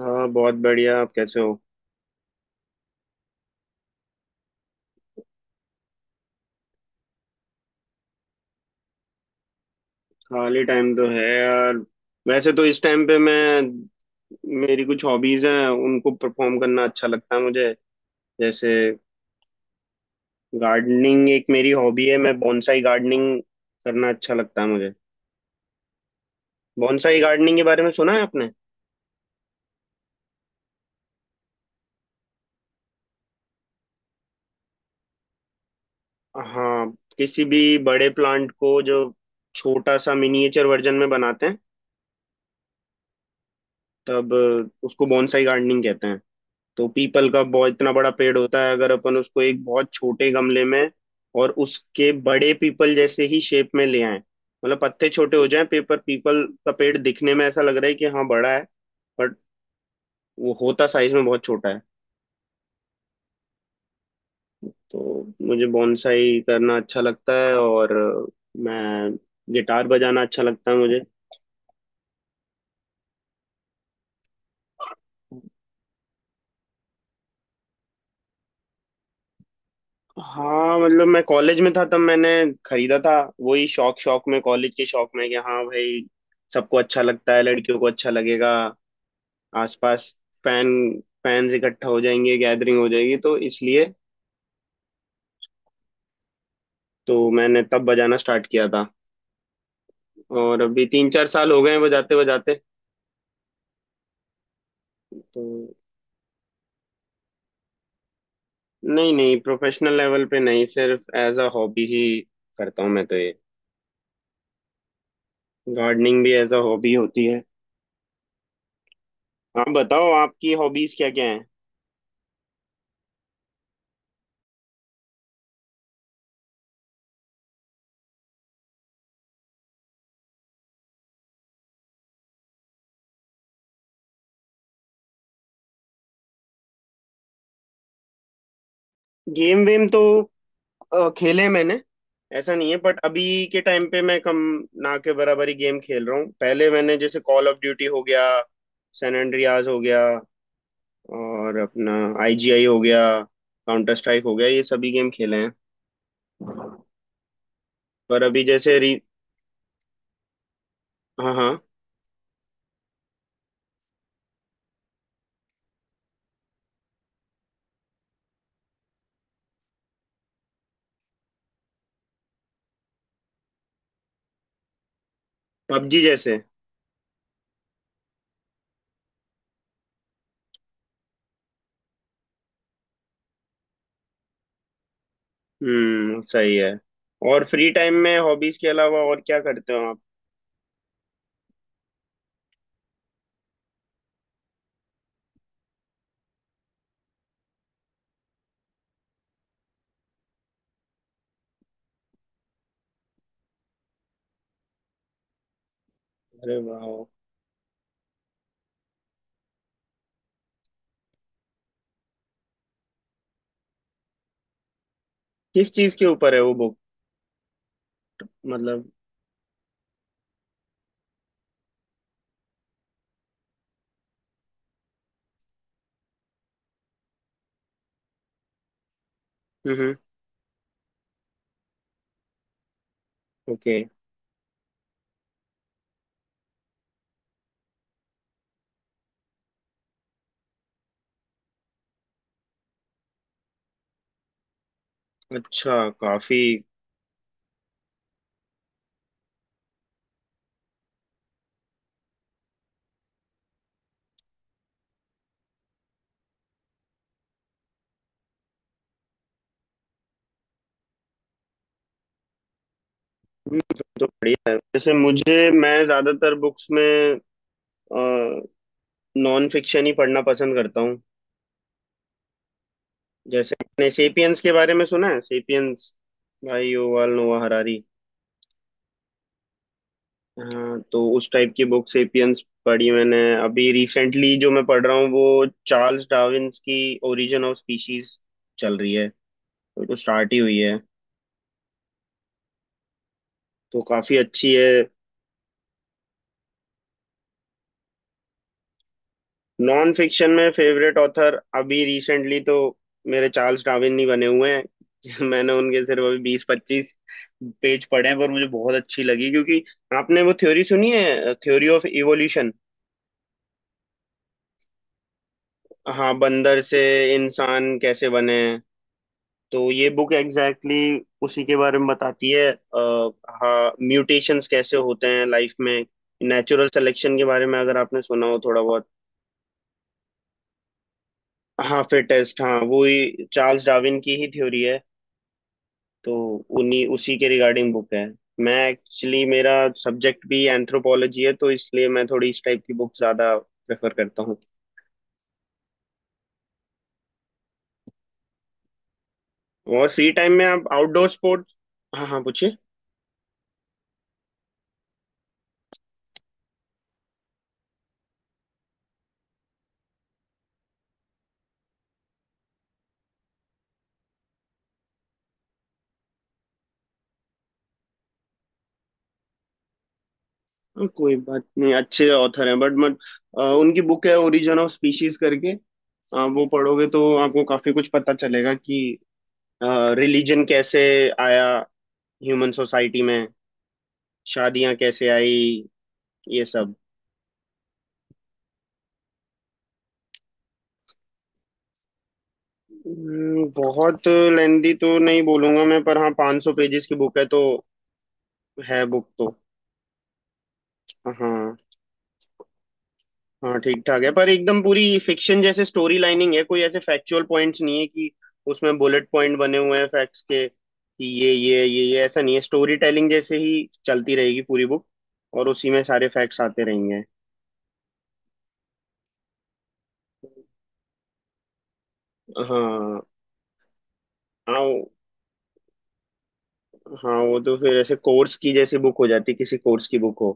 हाँ बहुत बढ़िया। आप कैसे हो। खाली टाइम तो है यार। वैसे तो इस टाइम पे मैं मेरी कुछ हॉबीज हैं, उनको परफॉर्म करना अच्छा लगता है मुझे। जैसे गार्डनिंग एक मेरी हॉबी है, मैं बॉन्साई गार्डनिंग करना अच्छा लगता है मुझे। बॉन्साई गार्डनिंग के बारे में सुना है आपने? हाँ, किसी भी बड़े प्लांट को जो छोटा सा मिनिएचर वर्जन में बनाते हैं तब उसको बॉन्साई गार्डनिंग कहते हैं। तो पीपल का बहुत इतना बड़ा पेड़ होता है, अगर अपन उसको एक बहुत छोटे गमले में और उसके बड़े पीपल जैसे ही शेप में ले आए मतलब पत्ते छोटे हो जाएं, पेपर पीपल का पेड़ दिखने में ऐसा लग रहा है कि हाँ बड़ा है बट वो होता साइज में बहुत छोटा है। तो मुझे बॉन्साई करना अच्छा लगता है, और मैं गिटार बजाना अच्छा लगता है मुझे। हाँ मतलब मैं कॉलेज में था तब मैंने खरीदा था। वही शौक शौक में, कॉलेज के शौक में कि हाँ भाई सबको अच्छा लगता है, लड़कियों को अच्छा लगेगा, आसपास फैन फैंस इकट्ठा हो जाएंगे, गैदरिंग हो जाएगी, तो इसलिए तो मैंने तब बजाना स्टार्ट किया था। और अभी तीन चार साल हो गए हैं बजाते बजाते। तो नहीं नहीं, प्रोफेशनल लेवल पे नहीं, सिर्फ एज अ हॉबी ही करता हूँ मैं, तो ये गार्डनिंग भी एज अ हॉबी होती है। आप बताओ आपकी हॉबीज क्या क्या हैं। गेम वेम तो खेले मैंने, ऐसा नहीं है बट अभी के टाइम पे मैं कम, ना के बराबर ही गेम खेल रहा हूँ। पहले मैंने जैसे कॉल ऑफ ड्यूटी हो गया, सैन एंड्रियास हो गया, और अपना आईजीआई हो गया, काउंटर स्ट्राइक हो गया, ये सभी गेम खेले हैं। पर अभी जैसे री हाँ हाँ, पबजी जैसे। सही है। और फ्री टाइम में हॉबीज के अलावा और क्या करते हो आप? अरे वाह, किस चीज के ऊपर है वो बुक? मतलब, हम्म, ओके, अच्छा काफी। फिर तो बढ़िया है। जैसे मुझे, मैं ज्यादातर बुक्स में नॉन फिक्शन ही पढ़ना पसंद करता हूँ। जैसे आपने सेपियंस के बारे में सुना है, सेपियंस, भाई युval नोआ हरारी। हाँ तो उस टाइप की बुक सेपियंस पढ़ी मैंने। अभी रिसेंटली जो मैं पढ़ रहा हूँ वो चार्ल्स डार्विन्स की ओरिजिन ऑफ स्पीशीज चल रही है, वो तो स्टार्ट ही हुई है। तो काफी अच्छी है। नॉन फिक्शन में फेवरेट ऑथर अभी रिसेंटली तो मेरे चार्ल्स डार्विन ही बने हुए हैं। मैंने उनके सिर्फ अभी बीस पच्चीस पेज पढ़े हैं पर मुझे बहुत अच्छी लगी क्योंकि, आपने वो थ्योरी सुनी है, थ्योरी ऑफ इवोल्यूशन? हाँ बंदर से इंसान कैसे बने हैं। तो ये बुक एग्जैक्टली उसी के बारे में बताती है हाँ म्यूटेशंस कैसे होते हैं लाइफ में, नेचुरल सिलेक्शन के बारे में अगर आपने सुना हो थोड़ा बहुत। हाँ फिटेस्ट, हाँ वो ही चार्ल्स डार्विन की ही थ्योरी है। तो उन्हीं उसी के रिगार्डिंग बुक है। मैं एक्चुअली मेरा सब्जेक्ट भी एंथ्रोपोलॉजी है तो इसलिए मैं थोड़ी इस टाइप की बुक ज्यादा प्रेफर करता हूँ। और फ्री टाइम में आप आउटडोर स्पोर्ट्स, हाँ हाँ पूछिए। हाँ, कोई बात नहीं, अच्छे ऑथर हैं बट मत अ, उनकी बुक है ओरिजिन ऑफ स्पीशीज करके, वो पढ़ोगे तो आपको काफी कुछ पता चलेगा कि रिलीजन कैसे आया ह्यूमन सोसाइटी में, शादियां कैसे आई, ये सब। बहुत लेंदी तो नहीं बोलूंगा मैं पर हाँ 500 सौ पेजेस की बुक है तो, है बुक तो। हाँ हाँ ठीक ठाक है पर एकदम पूरी फिक्शन जैसे स्टोरी लाइनिंग है, कोई ऐसे फैक्चुअल पॉइंट्स नहीं है कि उसमें बुलेट पॉइंट बने हुए हैं फैक्ट्स के कि ये, ऐसा नहीं है। स्टोरी टेलिंग जैसे ही चलती रहेगी पूरी बुक, और उसी में सारे फैक्ट्स आते रहेंगे। हाँ, हाँ वो- हाँ वो तो फिर ऐसे कोर्स की जैसी बुक हो जाती, किसी कोर्स की बुक हो।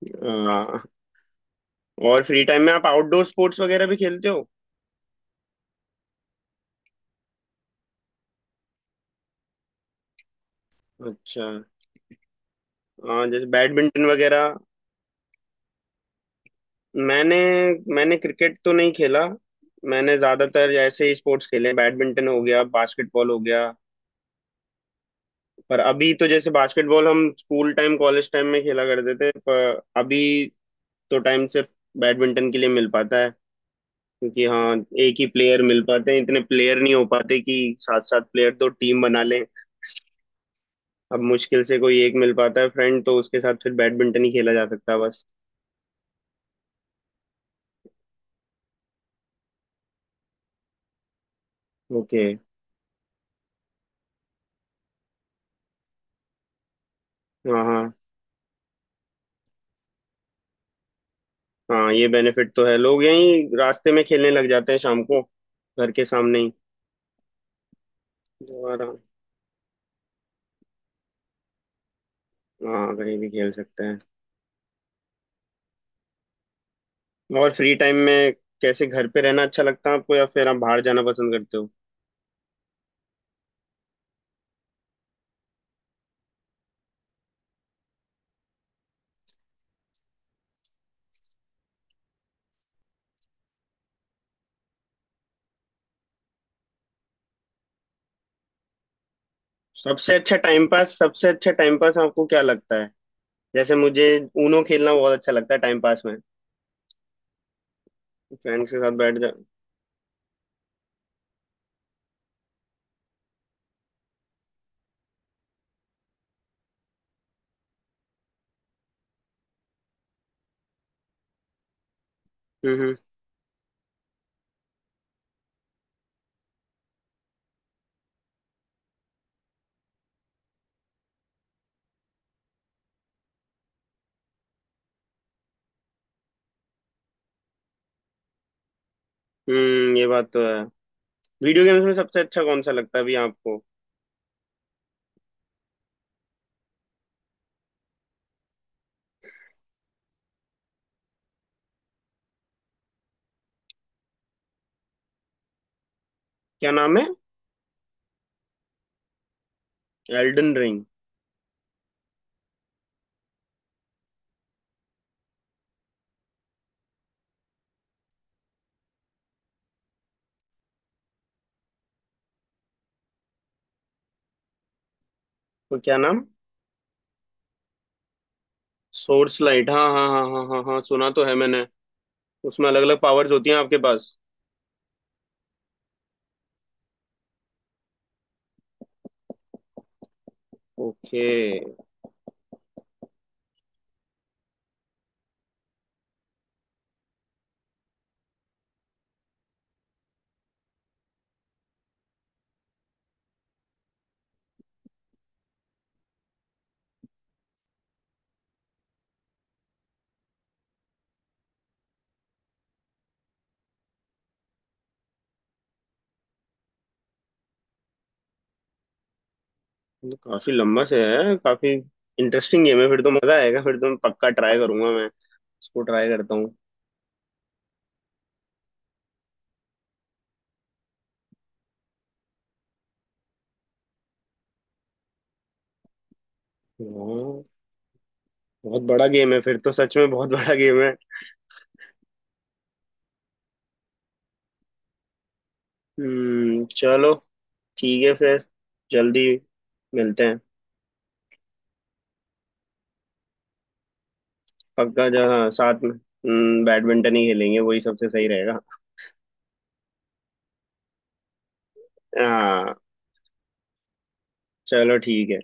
हाँ, और फ्री टाइम में आप आउटडोर स्पोर्ट्स वगैरह भी खेलते हो? अच्छा। हाँ जैसे बैडमिंटन वगैरह। मैंने मैंने क्रिकेट तो नहीं खेला, मैंने ज्यादातर ऐसे ही स्पोर्ट्स खेले, बैडमिंटन हो गया, बास्केटबॉल हो गया। पर अभी तो जैसे बास्केटबॉल हम स्कूल टाइम कॉलेज टाइम में खेला करते थे, पर अभी तो टाइम सिर्फ बैडमिंटन के लिए मिल पाता है क्योंकि हाँ एक ही प्लेयर मिल पाते हैं, इतने प्लेयर नहीं हो पाते कि सात सात प्लेयर तो टीम बना लें। अब मुश्किल से कोई एक मिल पाता है फ्रेंड, तो उसके साथ फिर बैडमिंटन ही खेला जा सकता है बस। ओके। हाँ हाँ, हाँ ये बेनिफिट तो है, लोग यहीं रास्ते में खेलने लग जाते हैं शाम को, घर के सामने ही। तो आराम, हाँ कहीं भी खेल सकते हैं। और फ्री टाइम में कैसे, घर पे रहना अच्छा लगता है आपको या फिर आप बाहर जाना पसंद करते हो? सबसे अच्छा टाइम पास आपको क्या लगता है? जैसे मुझे ऊनो खेलना बहुत अच्छा लगता है टाइम पास में, फ्रेंड्स के साथ बैठ जा। हम्म। ये बात तो है। वीडियो गेम्स में सबसे अच्छा कौन सा लगता है अभी आपको? क्या नाम है? Elden Ring? तो क्या नाम, सोर्स लाइट, हाँ हाँ हाँ हाँ हाँ हाँ सुना तो है मैंने। उसमें अलग अलग पावर्स होती हैं आपके पास? ओके। तो काफी लंबा से है, काफी इंटरेस्टिंग गेम है फिर तो, मजा आएगा। फिर तो मैं पक्का ट्राई करूंगा, मैं इसको ट्राई करता हूँ। हाँ बहुत बड़ा गेम है फिर तो, सच में बहुत बड़ा गेम है। चलो ठीक है फिर, जल्दी मिलते हैं। पक्का, जहाँ साथ में बैडमिंटन ही खेलेंगे, वही सबसे सही रहेगा। हाँ चलो ठीक है।